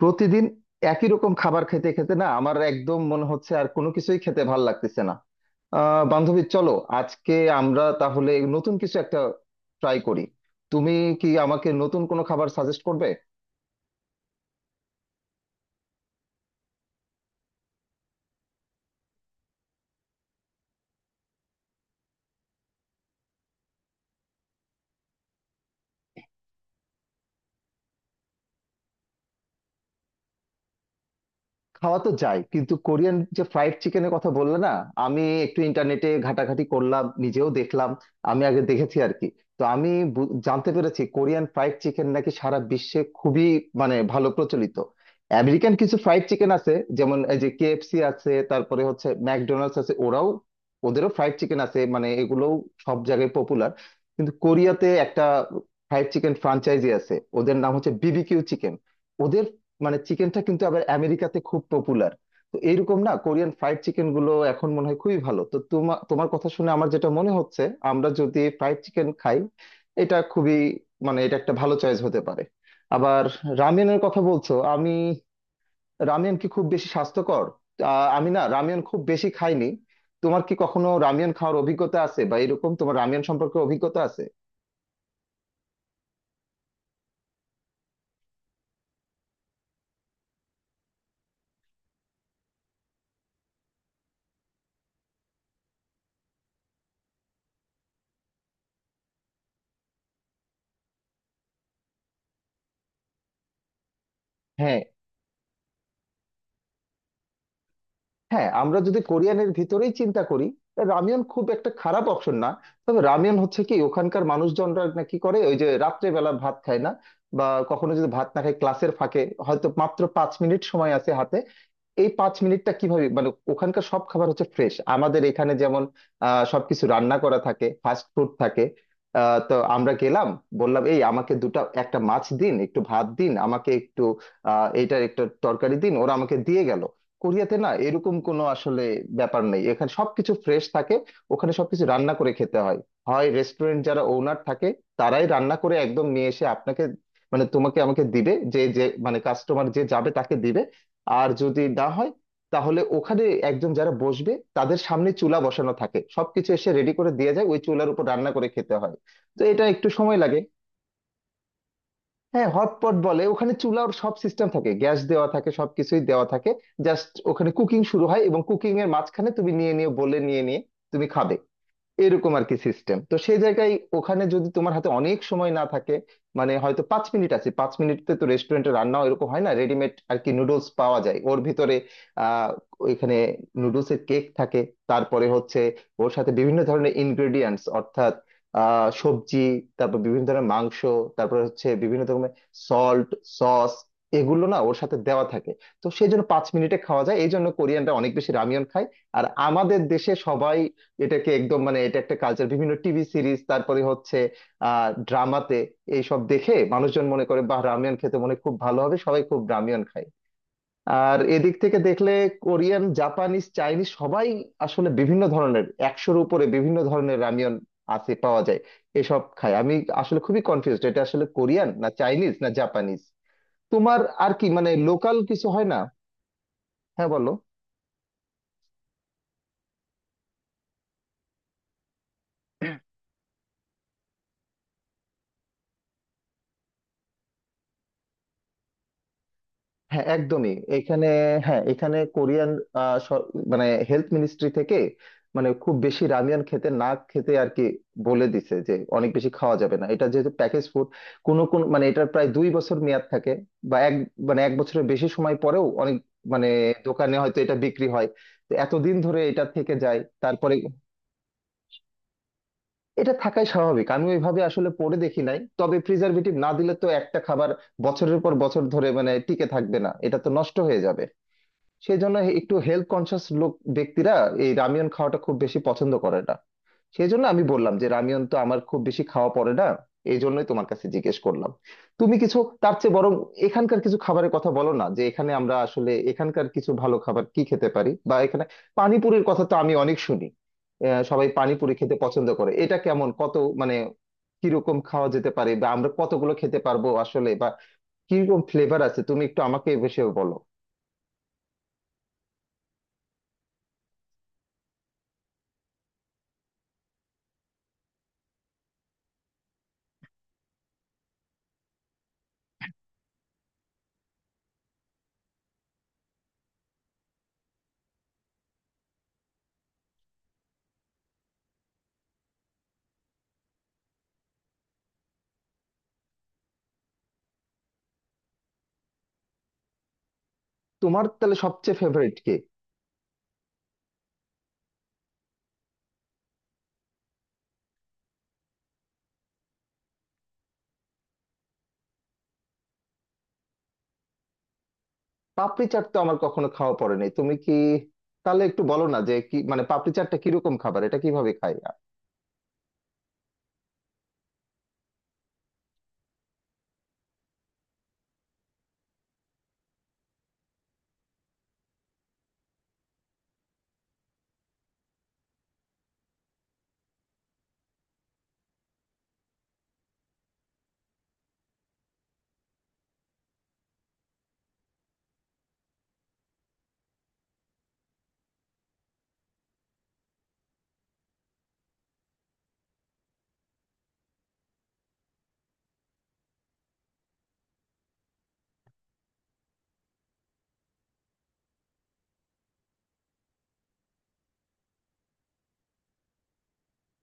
প্রতিদিন একই রকম খাবার খেতে খেতে না আমার একদম মনে হচ্ছে আর কোনো কিছুই খেতে ভাল লাগতেছে না। বান্ধবী, চলো আজকে আমরা তাহলে নতুন কিছু একটা ট্রাই করি। তুমি কি আমাকে নতুন কোনো খাবার সাজেস্ট করবে? খাওয়া তো যায়, কিন্তু কোরিয়ান যে ফ্রাইড চিকেনের কথা বললে না, আমি একটু ইন্টারনেটে ঘাটাঘাটি করলাম, নিজেও দেখলাম। আমি আগে দেখেছি আর কি। তো আমি জানতে পেরেছি কোরিয়ান ফ্রাইড চিকেন নাকি সারা বিশ্বে খুবই মানে ভালো প্রচলিত। আমেরিকান কিছু ফ্রাইড চিকেন আছে, যেমন এই যে কেএফসি আছে, তারপরে হচ্ছে ম্যাকডোনাল্ডস আছে, ওরাও ওদেরও ফ্রাইড চিকেন আছে, মানে এগুলোও সব জায়গায় পপুলার। কিন্তু কোরিয়াতে একটা ফ্রাইড চিকেন ফ্রাঞ্চাইজি আছে, ওদের নাম হচ্ছে বিবিকিউ চিকেন। ওদের মানে চিকেনটা কিন্তু আবার আমেরিকাতে খুব পপুলার। তো এইরকম না, কোরিয়ান ফ্রাইড চিকেন গুলো এখন মনে হয় খুবই ভালো। তো তোমার তোমার কথা শুনে আমার যেটা মনে হচ্ছে, আমরা যদি ফ্রাইড চিকেন খাই, এটা খুবই মানে এটা একটা ভালো চয়েস হতে পারে। আবার রামেনের কথা বলছো, আমি রামিয়ন কি খুব বেশি স্বাস্থ্যকর? আমি না রামিয়ন খুব বেশি খাইনি। তোমার কি কখনো রামিয়ন খাওয়ার অভিজ্ঞতা আছে বা এরকম তোমার রামিয়ন সম্পর্কে অভিজ্ঞতা আছে? হ্যাঁ, হ্যাঁ, আমরা যদি কোরিয়ানের ভিতরেই চিন্তা করি, তা রামিয়ন খুব একটা খারাপ অপশন না। তবে রামিয়ন হচ্ছে কি, ওখানকার মানুষজনরা নাকি করে, ওই যে রাত্রে বেলা ভাত খায় না বা কখনো যদি ভাত না খায়, ক্লাসের ফাঁকে হয়তো মাত্র 5 মিনিট সময় আছে হাতে। এই 5 মিনিটটা কিভাবে, মানে ওখানকার সব খাবার হচ্ছে ফ্রেশ। আমাদের এখানে যেমন সবকিছু রান্না করা থাকে, ফাস্ট ফুড থাকে। তো আমরা গেলাম, বললাম, এই আমাকে দুটো একটা মাছ দিন, একটু ভাত দিন, আমাকে একটু এইটার একটা তরকারি দিন, ওরা আমাকে দিয়ে গেল। কোরিয়াতে না এরকম কোনো আসলে ব্যাপার নেই। এখানে সবকিছু ফ্রেশ থাকে, ওখানে সবকিছু রান্না করে খেতে হয়। হয় রেস্টুরেন্ট যারা ওনার থাকে, তারাই রান্না করে একদম নিয়ে এসে আপনাকে মানে তোমাকে আমাকে দিবে, যে যে মানে কাস্টমার যে যাবে তাকে দিবে। আর যদি না হয়, তাহলে ওখানে একজন যারা বসবে, তাদের সামনে চুলা বসানো থাকে, সবকিছু এসে রেডি করে দিয়ে যায়, ওই চুলার উপর রান্না করে খেতে হয়। তো এটা একটু সময় লাগে। হ্যাঁ, হটপট বলে, ওখানে চুলার সব সিস্টেম থাকে, গ্যাস দেওয়া থাকে, সবকিছুই দেওয়া থাকে। জাস্ট ওখানে কুকিং শুরু হয় এবং কুকিং এর মাঝখানে তুমি নিয়ে নিয়ে বলে নিয়ে নিয়ে তুমি খাবে, এরকম আর কি সিস্টেম তো সেই জায়গায়। ওখানে যদি তোমার হাতে অনেক সময় না থাকে, মানে হয়তো 5 মিনিট আছে, 5 মিনিটে তো রেস্টুরেন্টে রান্নাও এরকম হয় না, রেডিমেড আর কি নুডলস পাওয়া যায় ওর ভিতরে। আহ ওইখানে নুডলসের কেক থাকে, তারপরে হচ্ছে ওর সাথে বিভিন্ন ধরনের ইনগ্রেডিয়েন্টস, অর্থাৎ সবজি, তারপর বিভিন্ন ধরনের মাংস, তারপর হচ্ছে বিভিন্ন রকমের সল্ট, সস, এগুলো না ওর সাথে দেওয়া থাকে। তো সেই জন্য 5 মিনিটে খাওয়া যায়, এই জন্য কোরিয়ানরা অনেক বেশি রামিয়ন খায়। আর আমাদের দেশে সবাই এটাকে একদম মানে এটা একটা কালচার, বিভিন্ন টিভি সিরিজ, তারপরে হচ্ছে ড্রামাতে এইসব দেখে মানুষজন মনে করে বা রামিয়ন খেতে মনে হয় খুব ভালো হবে, সবাই খুব রামিয়ন খায়। আর এদিক থেকে দেখলে কোরিয়ান, জাপানিজ, চাইনিজ সবাই আসলে বিভিন্ন ধরনের, 100-র উপরে বিভিন্ন ধরনের রামিয়ন আছে, পাওয়া যায়, এসব খায়। আমি আসলে খুবই কনফিউজড, এটা আসলে কোরিয়ান, না চাইনিজ, না জাপানিজ। তোমার আর কি মানে লোকাল কিছু হয় না? হ্যাঁ, বলো। হ্যাঁ, একদমই এখানে। হ্যাঁ, এখানে কোরিয়ান মানে হেলথ মিনিস্ট্রি থেকে মানে খুব বেশি রামিয়ান খেতে না খেতে আর কি বলে দিছে যে অনেক বেশি খাওয়া যাবে না, এটা যেহেতু প্যাকেজ ফুড। কোনো কোন মানে এটার প্রায় 2 বছর মেয়াদ থাকে বা এক মানে 1 বছরের বেশি সময় পরেও অনেক মানে দোকানে হয়তো এটা বিক্রি হয়। তো এতদিন ধরে এটা থেকে যায়, তারপরে এটা থাকাই স্বাভাবিক। আমি ওইভাবে আসলে পড়ে দেখি নাই, তবে প্রিজারভেটিভ না দিলে তো একটা খাবার বছরের পর বছর ধরে মানে টিকে থাকবে না, এটা তো নষ্ট হয়ে যাবে। সেই জন্য একটু হেলথ কনসিয়াস লোক, ব্যক্তিরা এই রামিয়ন খাওয়াটা খুব বেশি পছন্দ করে না। সেই জন্য আমি বললাম যে রামিয়ন তো আমার খুব বেশি খাওয়া পড়ে না, এই জন্যই তোমার কাছে জিজ্ঞেস করলাম তুমি কিছু তার চেয়ে বরং এখানকার কিছু খাবারের কথা বলো না, যে এখানে আমরা আসলে এখানকার কিছু ভালো খাবার কি খেতে পারি বা এখানে পানিপুরির কথা তো আমি অনেক শুনি। সবাই পানিপুরি খেতে পছন্দ করে, এটা কেমন, কত মানে কিরকম খাওয়া যেতে পারে, বা আমরা কতগুলো খেতে পারবো আসলে, বা কিরকম ফ্লেভার আছে, তুমি একটু আমাকে এ বিষয়ে বলো। তোমার তাহলে সবচেয়ে ফেভারিট কে? পাপড়ি চাট তো আমার কখনো খাওয়া পড়েনি, তুমি কি তাহলে একটু বলো না যে কি মানে পাপড়ি চাটটা কিরকম খাবার, এটা কিভাবে খাই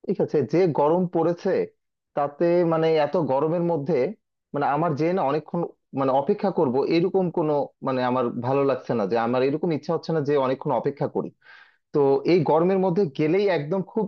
ঠিক আছে। যে গরম পড়েছে, তাতে মানে এত গরমের মধ্যে মানে আমার যে না অনেকক্ষণ মানে অপেক্ষা করব এরকম কোনো মানে আমার ভালো লাগছে না, যে আমার এরকম ইচ্ছা হচ্ছে না যে অনেকক্ষণ অপেক্ষা করি। তো এই গরমের মধ্যে গেলেই একদম খুব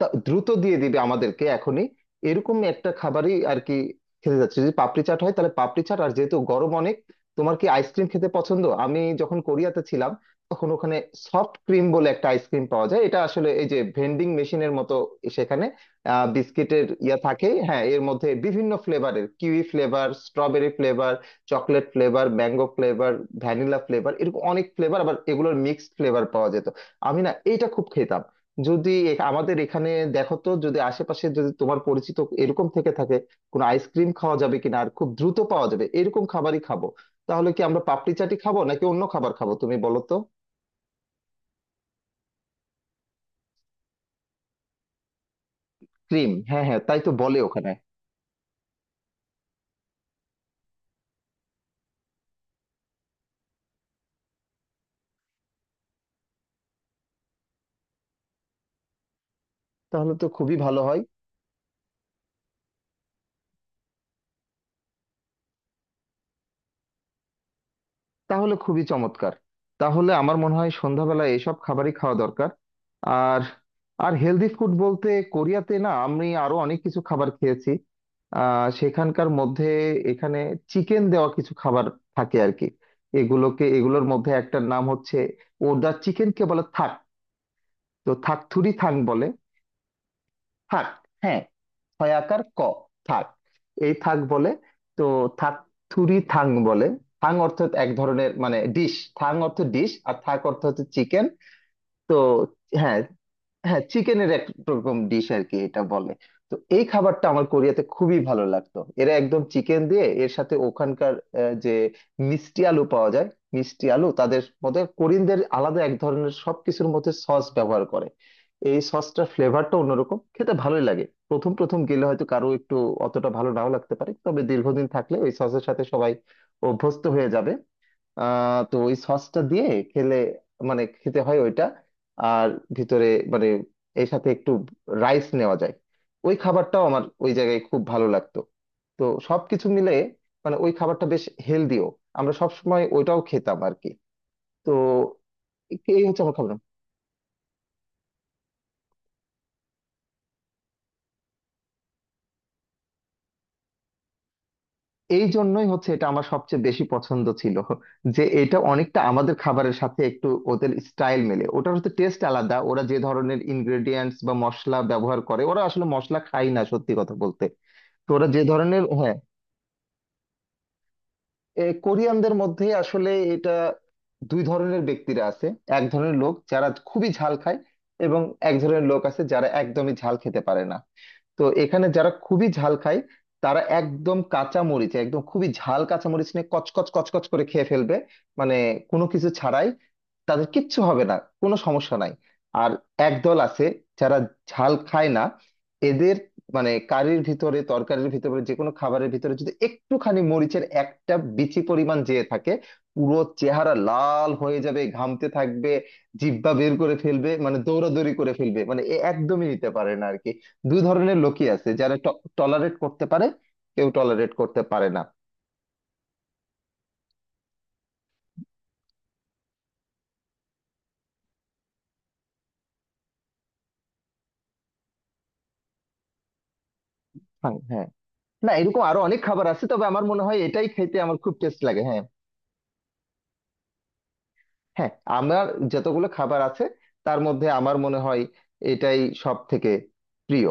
দ্রুত দিয়ে দিবে আমাদেরকে এখনই, এরকম একটা খাবারই আর কি খেতে যাচ্ছে। যদি পাপড়ি চাট হয় তাহলে পাপড়ি চাট, আর যেহেতু গরম অনেক, তোমার কি আইসক্রিম খেতে পছন্দ? আমি যখন কোরিয়াতে ছিলাম তখন ওখানে সফট ক্রিম বলে একটা আইসক্রিম পাওয়া যায়। এটা আসলে এই যে ভেন্ডিং মেশিনের মতো সেখানে বিস্কিটের ইয়া থাকে, হ্যাঁ, এর মধ্যে বিভিন্ন ফ্লেভারের, kiwi flavour, strawberry flavour, chocolate flavour, mango flavour, vanilla flavour, এরকম অনেক ফ্লেভার, আবার এগুলোর মিক্সড ফ্লেভার পাওয়া যেত। আমি না এইটা খুব খেতাম। যদি আমাদের এখানে দেখো তো, যদি আশেপাশে যদি তোমার পরিচিত এরকম থেকে থাকে কোনো আইসক্রিম খাওয়া যাবে কিনা, আর খুব দ্রুত পাওয়া যাবে এরকম খাবারই খাবো। তাহলে কি আমরা পাপড়ি চাটি খাবো নাকি অন্য খাবার খাবো, তুমি বলো তো। ক্রিম, হ্যাঁ হ্যাঁ, তাই তো বলে ওখানে। তাহলে তো খুবই ভালো হয়। তাহলে খুবই চমৎকার। তাহলে আমার মনে হয় সন্ধ্যাবেলায় এসব খাবারই খাওয়া দরকার। আর আর হেলদি ফুড বলতে কোরিয়াতে না আমি আরো অনেক কিছু খাবার খেয়েছি। সেখানকার মধ্যে এখানে চিকেন দেওয়া কিছু খাবার থাকে আর কি, এগুলোকে এগুলোর মধ্যে একটার নাম হচ্ছে ওদা চিকেনকে বলে থাক। তো থাকথুরি থাং বলে। থাক, হ্যাঁ, হয় আকার ক, থাক। এই থাক বলে, তো থাক থুরি থাং বলে। থাং অর্থ এক ধরনের মানে ডিশ, থাং অর্থ ডিশ, আর থাক অর্থ হচ্ছে চিকেন। তো হ্যাঁ, হ্যাঁ চিকেনের এক রকম ডিশ আর কি এটা বলে। তো এই খাবারটা আমার কোরিয়াতে খুবই ভালো লাগতো। এরা একদম চিকেন দিয়ে, এর সাথে ওখানকার যে মিষ্টি আলু পাওয়া যায়, মিষ্টি আলু, তাদের মধ্যে কোরিয়ানদের আলাদা এক ধরনের সবকিছুর মধ্যে সস ব্যবহার করে, এই সসটার ফ্লেভারটা অন্যরকম, খেতে ভালোই লাগে। প্রথম প্রথম গেলে হয়তো কারো একটু অতটা ভালো নাও লাগতে পারে, তবে দীর্ঘদিন থাকলে ওই সসের সাথে সবাই অভ্যস্ত হয়ে যাবে। তো ওই সসটা দিয়ে খেলে মানে খেতে হয় ওইটা। আর ভিতরে মানে এর সাথে একটু রাইস নেওয়া যায়। ওই খাবারটাও আমার ওই জায়গায় খুব ভালো লাগতো। তো সবকিছু মিলে মানে ওই খাবারটা বেশ হেলদিও, আমরা সবসময় ওইটাও খেতাম আর কি। তো এই হচ্ছে আমার খাবার। এই জন্যই হচ্ছে এটা আমার সবচেয়ে বেশি পছন্দ ছিল, যে এটা অনেকটা আমাদের খাবারের সাথে একটু ওদের স্টাইল মেলে, ওটার হচ্ছে টেস্ট আলাদা, ওরা যে ধরনের ইনগ্রেডিয়েন্টস বা মশলা ব্যবহার করে, ওরা আসলে মশলা খায় না সত্যি কথা বলতে। তো ওরা যে ধরনের, হ্যাঁ, কোরিয়ানদের মধ্যে আসলে এটা দুই ধরনের ব্যক্তিরা আছে। এক ধরনের লোক যারা খুবই ঝাল খায়, এবং এক ধরনের লোক আছে যারা একদমই ঝাল খেতে পারে না। তো এখানে যারা খুবই ঝাল খায়, তারা একদম কাঁচা মরিচ, একদম খুবই ঝাল কাঁচা মরিচ নিয়ে কচকচ কচকচ করে খেয়ে ফেলবে মানে কোনো কিছু ছাড়াই, তাদের কিচ্ছু হবে না, কোনো সমস্যা নাই। আর একদল আছে যারা ঝাল খায় না, এদের মানে কারির ভিতরে, তরকারির ভিতরে, যে কোনো খাবারের ভিতরে যদি একটুখানি মরিচের একটা বিচি পরিমাণ যেয়ে থাকে, পুরো চেহারা লাল হয়ে যাবে, ঘামতে থাকবে, জিহ্বা বের করে ফেলবে, মানে দৌড়াদৌড়ি করে ফেলবে, মানে এ একদমই নিতে পারে না আর কি। দুই ধরনের লোকই আছে, যারা টলারেট করতে পারে, কেউ টলারেট করতে পারে না। হ্যাঁ, হ্যাঁ। না, এরকম আরো অনেক খাবার আছে, তবে আমার মনে হয় এটাই খেতে আমার খুব টেস্ট লাগে। হ্যাঁ, হ্যাঁ, আমার যতগুলো খাবার আছে তার মধ্যে আমার মনে হয় এটাই সব থেকে প্রিয়।